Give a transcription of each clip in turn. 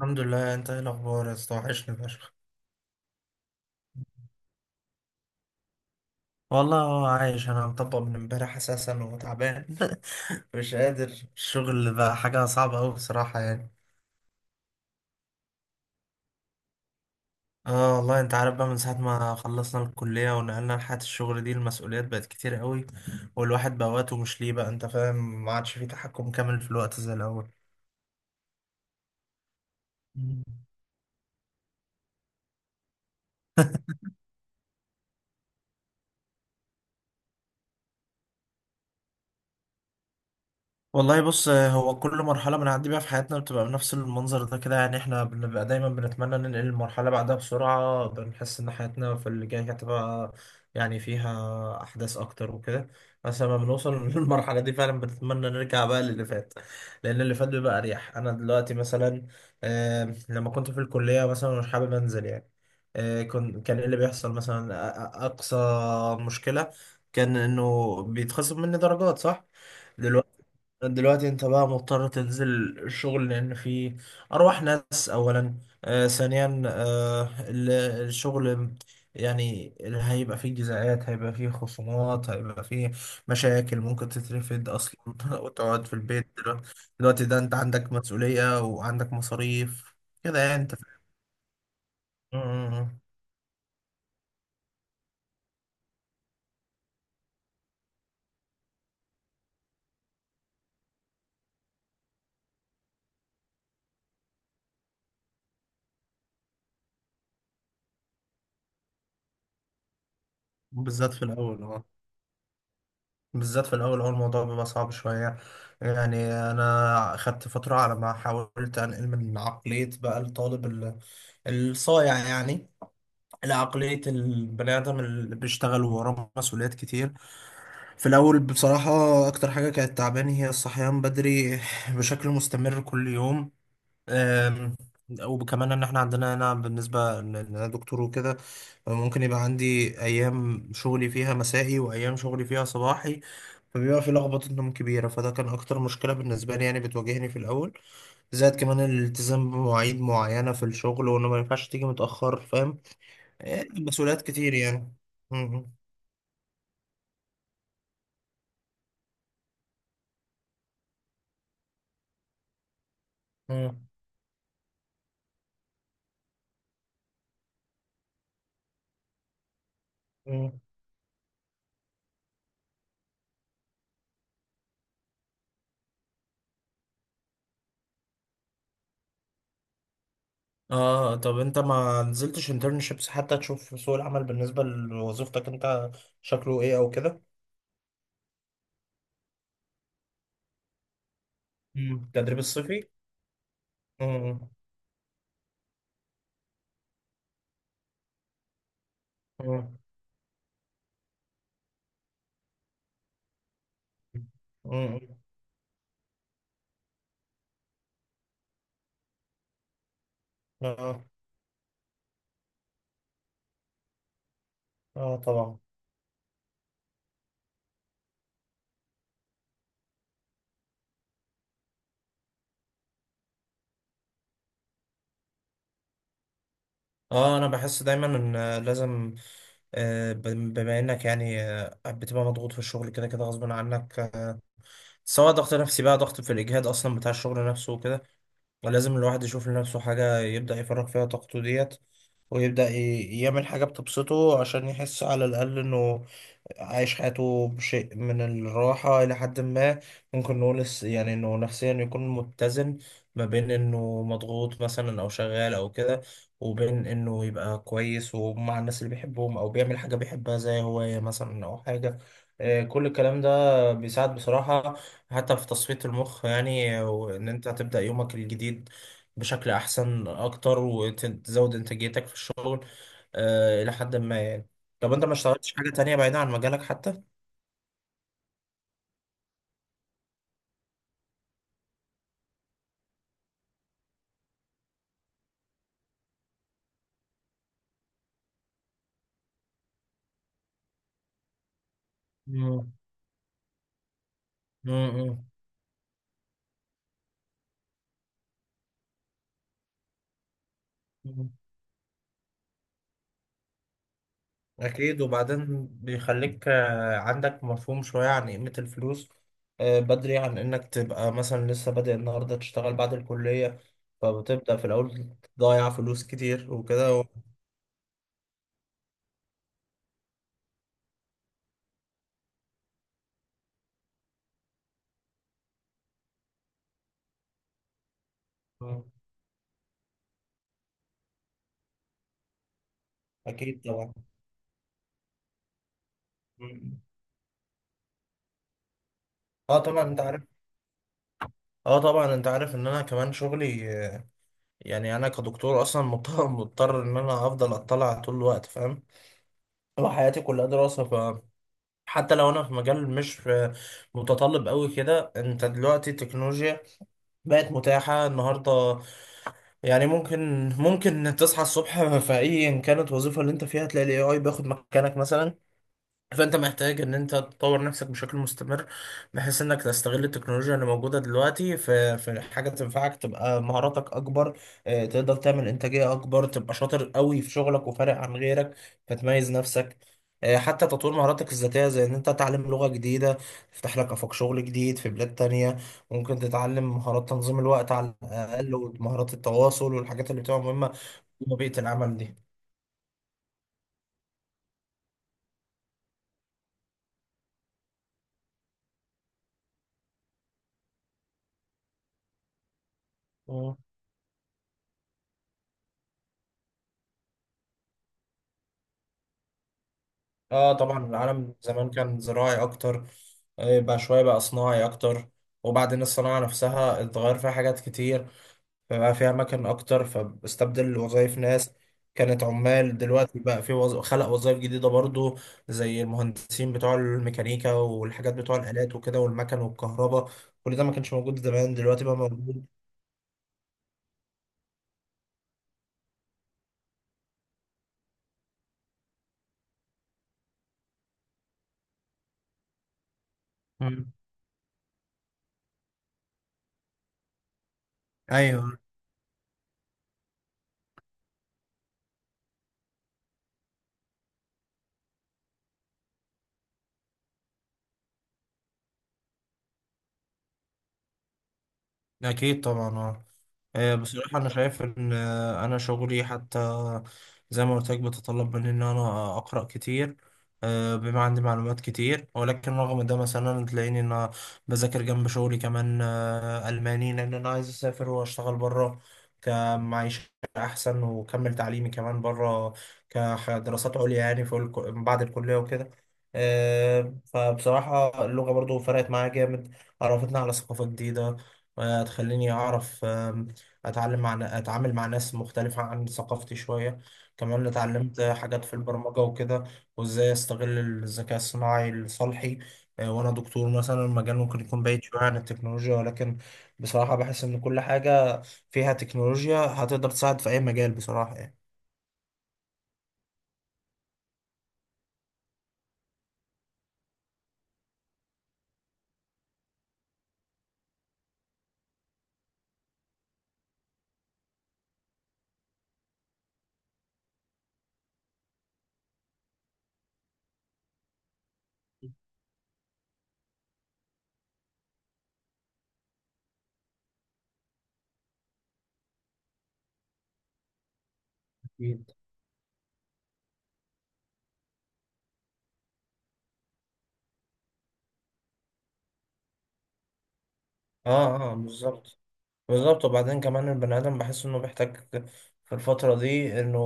الحمد لله، انت ايه الاخبار يا اسطى؟ وحشني فشخ. والله هو عايش، انا مطبق من امبارح اساسا وتعبان مش قادر. الشغل بقى حاجه صعبه قوي بصراحه يعني اه والله انت عارف بقى من ساعه ما خلصنا الكليه ونقلنا لحياه الشغل دي، المسؤوليات بقت كتير قوي. والواحد بقى وقته مش ليه، بقى انت فاهم، ما عادش فيه تحكم كامل في الوقت زي الاول. والله بص، هو كل مرحلة بنعدي بيها في حياتنا بتبقى بنفس المنظر ده كده، يعني احنا بنبقى دايما بنتمنى ننقل المرحلة بعدها بسرعة، بنحس ان حياتنا في اللي جاي هتبقى يعني فيها أحداث أكتر وكده. بس لما بنوصل للمرحلة دي فعلا بنتمنى نرجع بقى للي فات، لأن اللي فات بيبقى أريح. أنا دلوقتي مثلا، لما كنت في الكلية مثلا مش حابب أنزل يعني، كان إيه اللي بيحصل مثلا؟ أقصى مشكلة كان إنه بيتخصم مني درجات، صح؟ دلوقتي انت بقى مضطر تنزل الشغل لان في ارواح ناس اولا، ثانيا الشغل، يعني اللي هيبقى فيه جزاءات، هيبقى فيه خصومات، هيبقى فيه مشاكل ممكن تترفد اصلا وتقعد في البيت. دلوقتي دلوقتي ده انت عندك مسؤولية وعندك مصاريف، كده يعني انت ف- م- م- م. بالذات في الاول. بالذات في الاول هو الموضوع بيبقى صعب شويه، يعني انا خدت فتره على ما حاولت انقل من عقليه بقى الصايع يعني لعقليه البني ادم اللي بيشتغل وراه مسؤوليات كتير. في الاول بصراحه اكتر حاجه كانت تعباني هي الصحيان بدري بشكل مستمر كل يوم آم، وكمان ان احنا عندنا هنا بالنسبه ان انا دكتور وكده، ممكن يبقى عندي ايام شغلي فيها مسائي وايام شغلي فيها صباحي، فبيبقى في لخبطه نوم كبيره، فده كان اكتر مشكله بالنسبه لي يعني، بتواجهني في الاول. زائد كمان الالتزام بمواعيد معينه في الشغل، وانه ما ينفعش تيجي متاخر، فاهم؟ إيه، مسؤوليات كتير يعني. م- م- م- اه، طب انت ما نزلتش انترنشيبس حتى تشوف سوق العمل بالنسبه لوظيفتك انت شكله ايه او كده؟ مم. التدريب الصيفي. مم. مم. مم. اه. اه طبعا. اه، انا بحس دايما ان لازم، بما انك يعني بتبقى مضغوط في الشغل كده كده غصب عنك، سواء ضغط نفسي بقى، ضغط في الاجهاد اصلا بتاع الشغل نفسه وكده، لازم الواحد يشوف لنفسه حاجه يبدا يفرغ فيها طاقته ديت، ويبدا يعمل حاجه بتبسطه عشان يحس على الاقل انه عايش حياته بشيء من الراحة إلى حد ما. ممكن نقول يعني إنه نفسيا يكون متزن ما بين إنه مضغوط مثلا أو شغال أو كده، وبين إنه يبقى كويس ومع الناس اللي بيحبهم أو بيعمل حاجة بيحبها زي هواية مثلا أو حاجة. كل الكلام ده بيساعد بصراحة حتى في تصفية المخ يعني، وإن أنت هتبدأ يومك الجديد بشكل أحسن أكتر وتزود إنتاجيتك في الشغل، إلى حد ما يعني. طب انت ما اشتغلتش حاجة تانية بعيدة عن مجالك حتى؟ مم. مم. مم. أكيد، وبعدين بيخليك عندك مفهوم شوية عن قيمة الفلوس، بدري، عن إنك تبقى مثلا لسه بادئ النهاردة تشتغل بعد الكلية، فبتبدأ في الأول تضيع فلوس كتير وكده. مم. أكيد طبعا. مم. أه طبعا أنت عارف. أه طبعا أنت عارف إن أنا كمان شغلي يعني أنا كدكتور أصلا، مضطر إن أنا أفضل أطلع طول الوقت، فاهم؟ وحياتي كلها دراسة، حتى لو انا في مجال مش متطلب قوي كده. انت دلوقتي التكنولوجيا بقت متاحة النهاردة، يعني ممكن تصحى الصبح في اي ان كانت الوظيفة اللي انت فيها تلاقي الاي اي بياخد مكانك مثلا. فانت محتاج ان انت تطور نفسك بشكل مستمر، بحيث انك تستغل التكنولوجيا اللي موجوده دلوقتي في حاجه تنفعك، تبقى مهاراتك اكبر، تقدر تعمل انتاجيه اكبر، تبقى شاطر قوي في شغلك وفارق عن غيرك فتميز نفسك. حتى تطوير مهاراتك الذاتيه زي ان انت تتعلم لغه جديده تفتح لك افاق شغل جديد في بلاد تانية، ممكن تتعلم مهارات تنظيم الوقت على الاقل ومهارات التواصل والحاجات اللي بتبقى مهمه في بيئه العمل دي. اه طبعا، العالم زمان كان زراعي اكتر، بقى شويه بقى صناعي اكتر، وبعدين الصناعه نفسها اتغير فيها حاجات كتير، فبقى فيها اماكن اكتر، فاستبدل وظائف ناس كانت عمال. دلوقتي بقى في خلق وظائف جديده برضو، زي المهندسين بتوع الميكانيكا والحاجات بتوع الالات وكده والمكن والكهرباء، كل ده ما كانش موجود زمان، دلوقتي بقى موجود. مم. ايوه. اكيد طبعا اه. بصراحة أنا شايف إن أنا شغلي حتى زي ما قلت لك بتطلب مني إن أنا أقرأ كتير، بما عندي معلومات كتير، ولكن رغم ده مثلا تلاقيني إن أنا بذاكر جنب شغلي كمان ألماني، لأن أنا عايز أسافر وأشتغل بره كمعيشة أحسن، وأكمل تعليمي كمان بره كدراسات عليا، يعني في بعد الكلية وكده. فبصراحة اللغة برضو فرقت معايا جامد، عرفتني على ثقافة جديدة، تخليني أعرف، اتعلم مع اتعامل مع ناس مختلفة عن ثقافتي شوية. كمان اتعلمت حاجات في البرمجة وكده، وازاي استغل الذكاء الصناعي لصالحي. وانا دكتور مثلا، المجال ممكن يكون بعيد شوية عن التكنولوجيا، ولكن بصراحة بحس ان كل حاجة فيها تكنولوجيا هتقدر تساعد في اي مجال بصراحة يعني. أكيد. اه اه بالظبط. بالظبط، وبعدين كمان البني آدم بحس إنه بيحتاج في الفترة دي إنه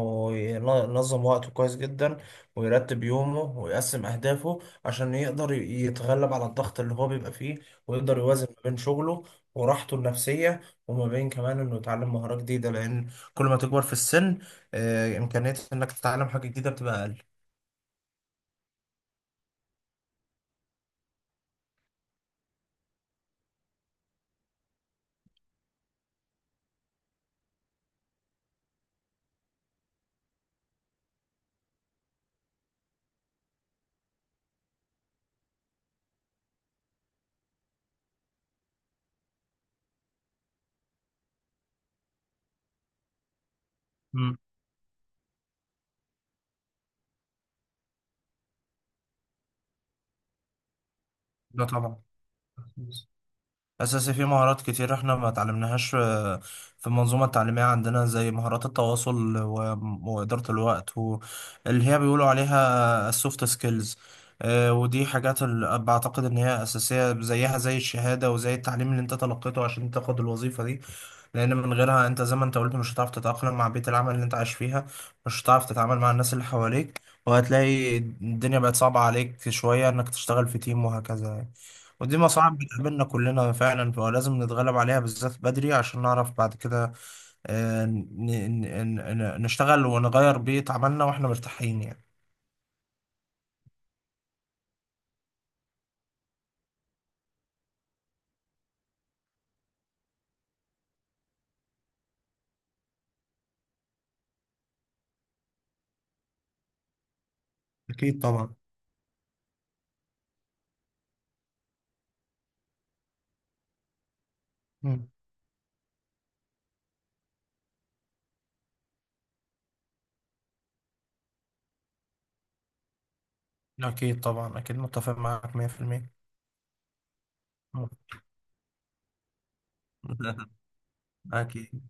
ينظم وقته كويس جدا، ويرتب يومه، ويقسم أهدافه عشان يقدر يتغلب على الضغط اللي هو بيبقى فيه، ويقدر يوازن ما بين شغله وراحته النفسية، وما بين كمان إنه يتعلم مهارة جديدة، لأن كل ما تكبر في السن، إمكانية إنك تتعلم حاجة جديدة بتبقى أقل. مم. ده طبعا أساسي، في مهارات كتير إحنا ما اتعلمناهاش في المنظومة التعليمية عندنا، زي مهارات التواصل، وإدارة الوقت، واللي هي بيقولوا عليها السوفت سكيلز، ودي حاجات بعتقد إن هي أساسية زيها زي الشهادة وزي التعليم اللي أنت تلقيته عشان تاخد الوظيفة دي، لأن من غيرها أنت زي ما أنت قلت مش هتعرف تتأقلم مع بيئة العمل اللي أنت عايش فيها، مش هتعرف تتعامل مع الناس اللي حواليك، وهتلاقي الدنيا بقت صعبة عليك شوية إنك تشتغل في تيم، وهكذا يعني. ودي مصاعب بتقابلنا كلنا فعلا، فلازم نتغلب عليها بالذات بدري عشان نعرف بعد كده، آه، ن- نشتغل ونغير بيئة عملنا واحنا مرتاحين يعني. أكيد طبعا. مم. أكيد طبعا، أكيد متفق معاك 100% أكيد